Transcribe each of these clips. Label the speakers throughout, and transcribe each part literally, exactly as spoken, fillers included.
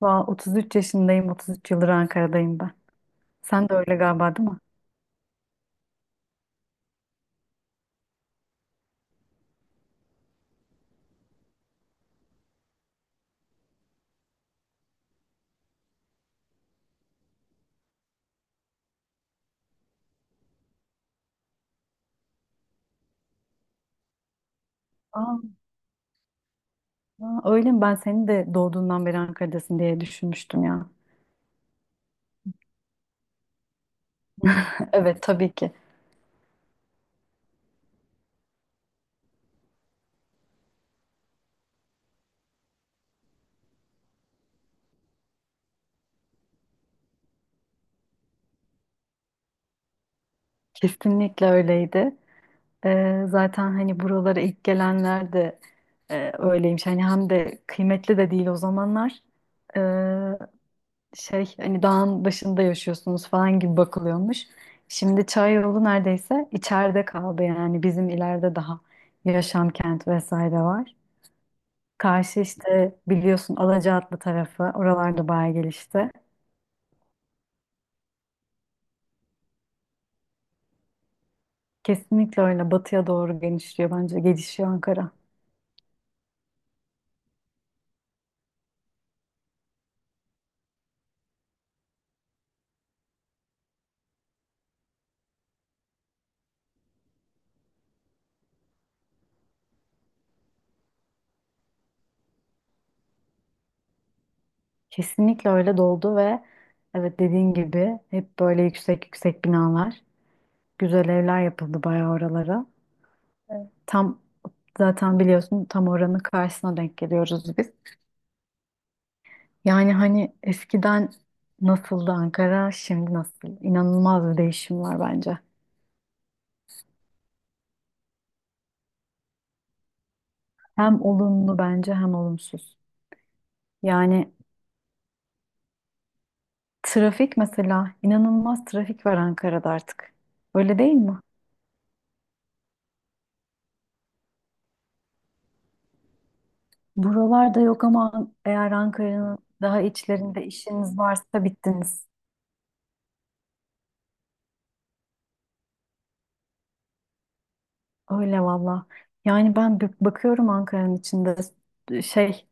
Speaker 1: Valla otuz üç yaşındayım, otuz üç yıldır Ankara'dayım ben. Sen de öyle galiba, değil mi? Aa, aa, öyle mi? Ben seni de doğduğundan beri Ankara'dasın diye düşünmüştüm ya. Evet, tabii ki. Kesinlikle öyleydi. Ee, zaten hani buralara ilk gelenler de e, öyleymiş. Hani hem de kıymetli de değil o zamanlar. Ee, şey hani dağın başında yaşıyorsunuz falan gibi bakılıyormuş. Şimdi Çayyolu neredeyse içeride kaldı, yani bizim ileride daha yaşam kent vesaire var. Karşı işte biliyorsun, Alacaatlı tarafı, oralarda bayağı gelişti. Kesinlikle öyle, batıya doğru genişliyor bence, gelişiyor Ankara. Kesinlikle öyle doldu ve evet, dediğin gibi hep böyle yüksek yüksek binalar, güzel evler yapıldı bayağı oralara. Tam, zaten biliyorsun, tam oranın karşısına denk geliyoruz biz. Yani hani eskiden nasıldı Ankara, şimdi nasıl? İnanılmaz bir değişim var bence. Hem olumlu bence, hem olumsuz. Yani trafik mesela, inanılmaz trafik var Ankara'da artık. Öyle değil mi? Buralarda yok ama eğer Ankara'nın daha içlerinde işiniz varsa bittiniz. Öyle valla. Yani ben bak- bakıyorum Ankara'nın içinde şey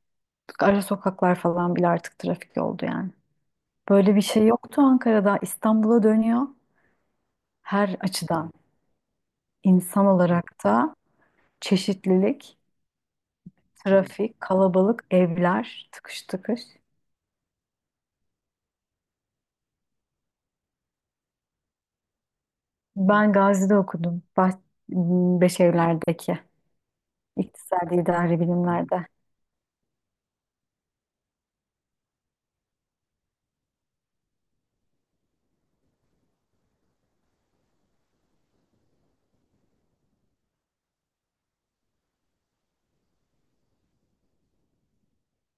Speaker 1: ara sokaklar falan bile artık trafik oldu yani. Böyle bir şey yoktu Ankara'da. İstanbul'a dönüyor her açıdan. İnsan olarak da çeşitlilik. Trafik, kalabalık, evler, tıkış tıkış. Ben Gazi'de okudum. Bah Beşevler'deki iktisadi idari bilimlerde.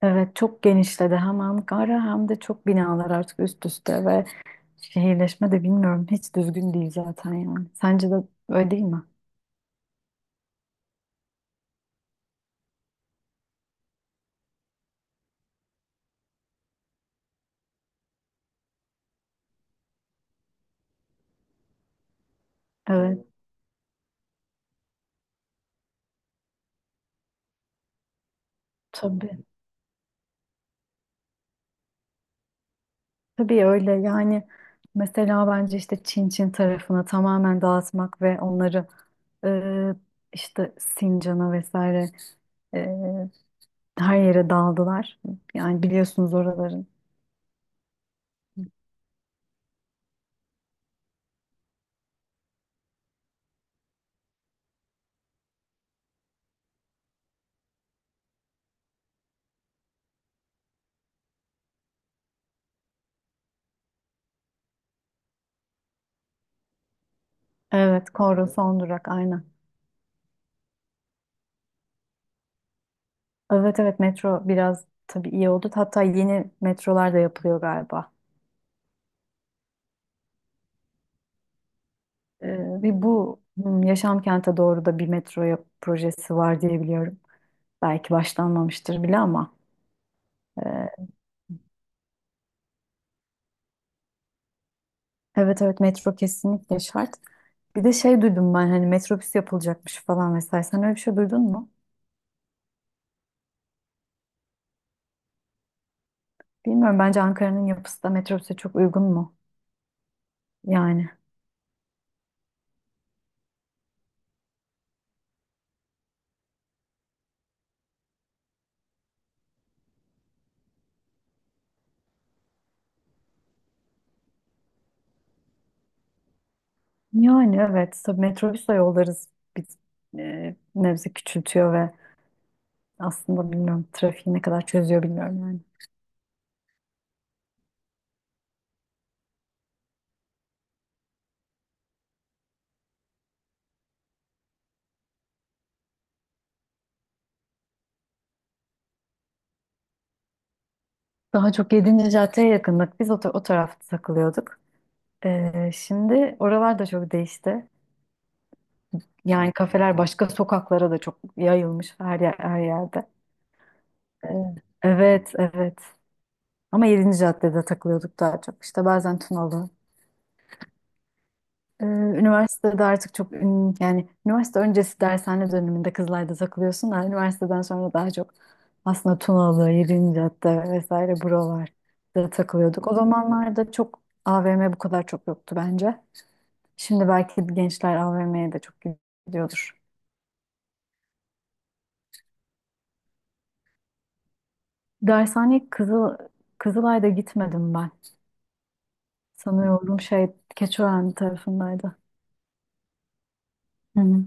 Speaker 1: Evet çok genişledi, hem Ankara hem de çok binalar artık üst üste, ve şehirleşme de bilmiyorum, hiç düzgün değil zaten yani. Sence de öyle değil mi? Evet, tabii. Tabii öyle yani, mesela bence işte Çin Çin tarafını tamamen dağıtmak ve onları e, işte Sincan'a vesaire. Her yere dağıldılar. Yani biliyorsunuz oraların. Evet, Korun son durak aynen. Evet, evet, metro biraz tabii iyi oldu. Hatta yeni metrolar da yapılıyor galiba. Ee, Ve bu hmm, Yaşam Kent'e doğru da bir metro yap- projesi var diye biliyorum. Belki başlanmamıştır bile ama. e, evet, evet, metro kesinlikle şart. Bir de şey duydum ben, hani metrobüs yapılacakmış falan vesaire. Sen öyle bir şey duydun mu? Bilmiyorum, bence Ankara'nın yapısı da metrobüse çok uygun mu? Yani. Yani evet, tabii metrobüsle yollarız biz, e, nebze küçültüyor ve aslında bilmiyorum trafiği ne kadar çözüyor, bilmiyorum yani. Daha çok yedinci caddeye yakındık. Biz o, ta- o tarafta takılıyorduk. E, şimdi oralar da çok değişti. Yani kafeler başka sokaklara da çok yayılmış, her yer, her yerde. E, evet, evet. Ama yedinci caddede takılıyorduk daha çok. İşte bazen Tunalı. Ee, üniversitede artık çok ün- yani üniversite öncesi dershane döneminde Kızılay'da takılıyorsun da üniversiteden sonra daha çok aslında Tunalı, yedinci cadde vesaire buralarda takılıyorduk. O zamanlarda çok A V M bu kadar çok yoktu bence. Şimdi belki gençler A V M'ye de çok gidiyordur. Dershane Kızıl Kızılay'da gitmedim ben. Sanıyorum şey Keçiören tarafındaydı. Hı hı.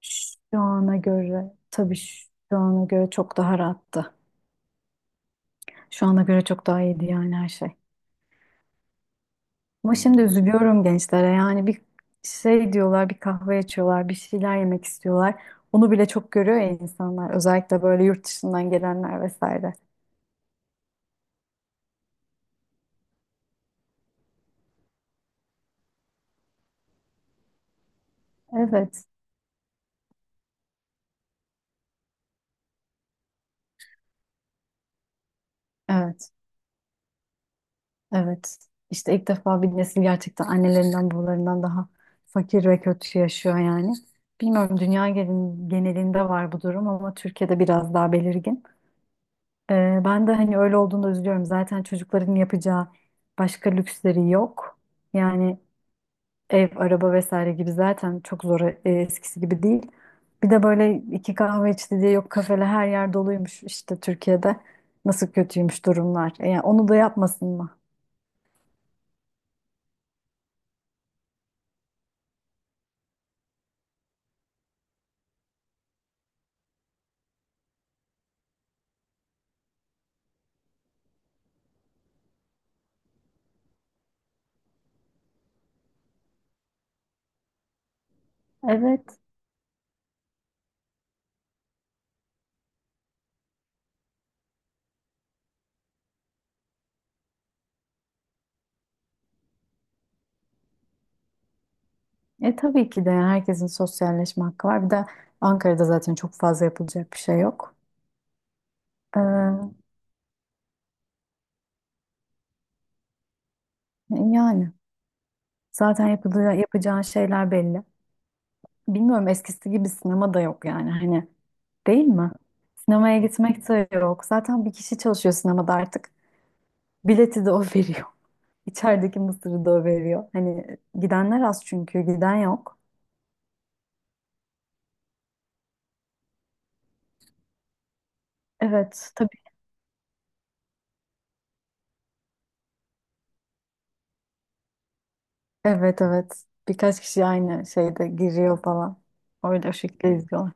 Speaker 1: Şu ana göre tabii, şu şu ana göre çok daha rahattı. Şu ana göre çok daha iyiydi yani her şey. Ama şimdi üzülüyorum gençlere, yani bir şey diyorlar, bir kahve içiyorlar, bir şeyler yemek istiyorlar. Onu bile çok görüyor ya insanlar. Özellikle böyle yurt dışından gelenler vesaire. Evet, evet, evet. İşte ilk defa bir nesil gerçekten annelerinden, babalarından daha fakir ve kötü yaşıyor yani. Bilmiyorum dünya gelin- genelinde var bu durum ama Türkiye'de biraz daha belirgin. Ee, ben de hani öyle olduğunda üzülüyorum. Zaten çocukların yapacağı başka lüksleri yok. Yani ev, araba vesaire gibi zaten çok zor, e, eskisi gibi değil. Bir de böyle iki kahve içti diye yok kafele her yer doluymuş işte Türkiye'de. Nasıl kötüymüş durumlar. E, yani onu da yapmasın mı? Evet. E tabii ki de, yani herkesin sosyalleşme hakkı var. Bir de Ankara'da zaten çok fazla yapılacak bir şey yok. Ee, Yani zaten yapılacağı, yapacağın şeyler belli. Bilmiyorum eskisi gibi sinema da yok yani hani, değil mi? Sinemaya gitmek de yok. Zaten bir kişi çalışıyor sinemada artık. Bileti de o veriyor. İçerideki mısırı da o veriyor. Hani gidenler az çünkü giden yok. Evet, tabii. Evet, evet. Birkaç kişi aynı şeyde giriyor falan. Öyle o şekilde izliyorlar.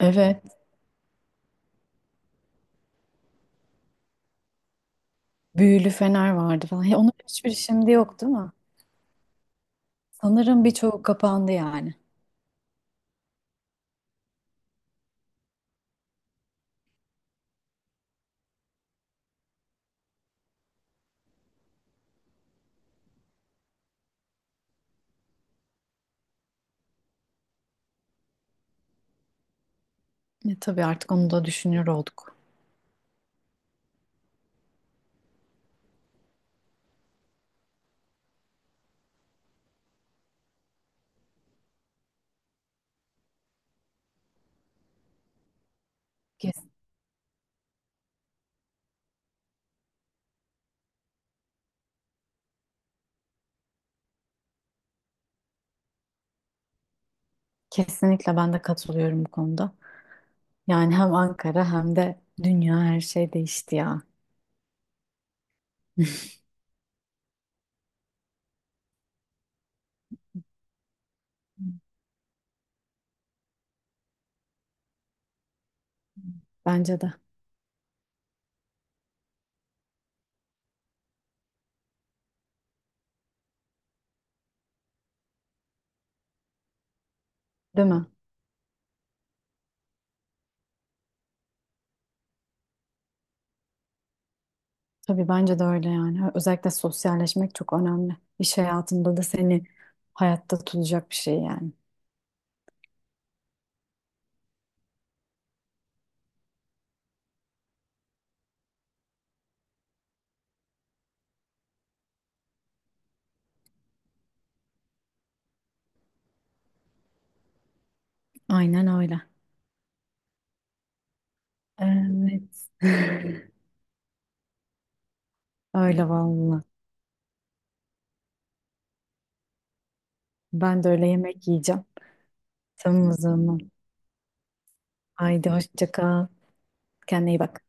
Speaker 1: Evet. Büyülü fener vardı falan. Ya onun hiçbir şimdi yok, değil mi? Sanırım birçoğu kapandı yani. E, tabii artık onu da düşünür olduk. Kes- Kesinlikle ben de katılıyorum bu konuda. Yani hem Ankara hem de dünya, her şey değişti ya. Bence de. Değil mi? Tabii bence de öyle yani. Özellikle sosyalleşmek çok önemli. İş hayatında da seni hayatta tutacak bir şey yani. Aynen öyle. Evet. Öyle vallahi. Ben de öyle yemek yiyeceğim. Tamam, o zaman. Haydi hoşça kal. Kendine iyi bak.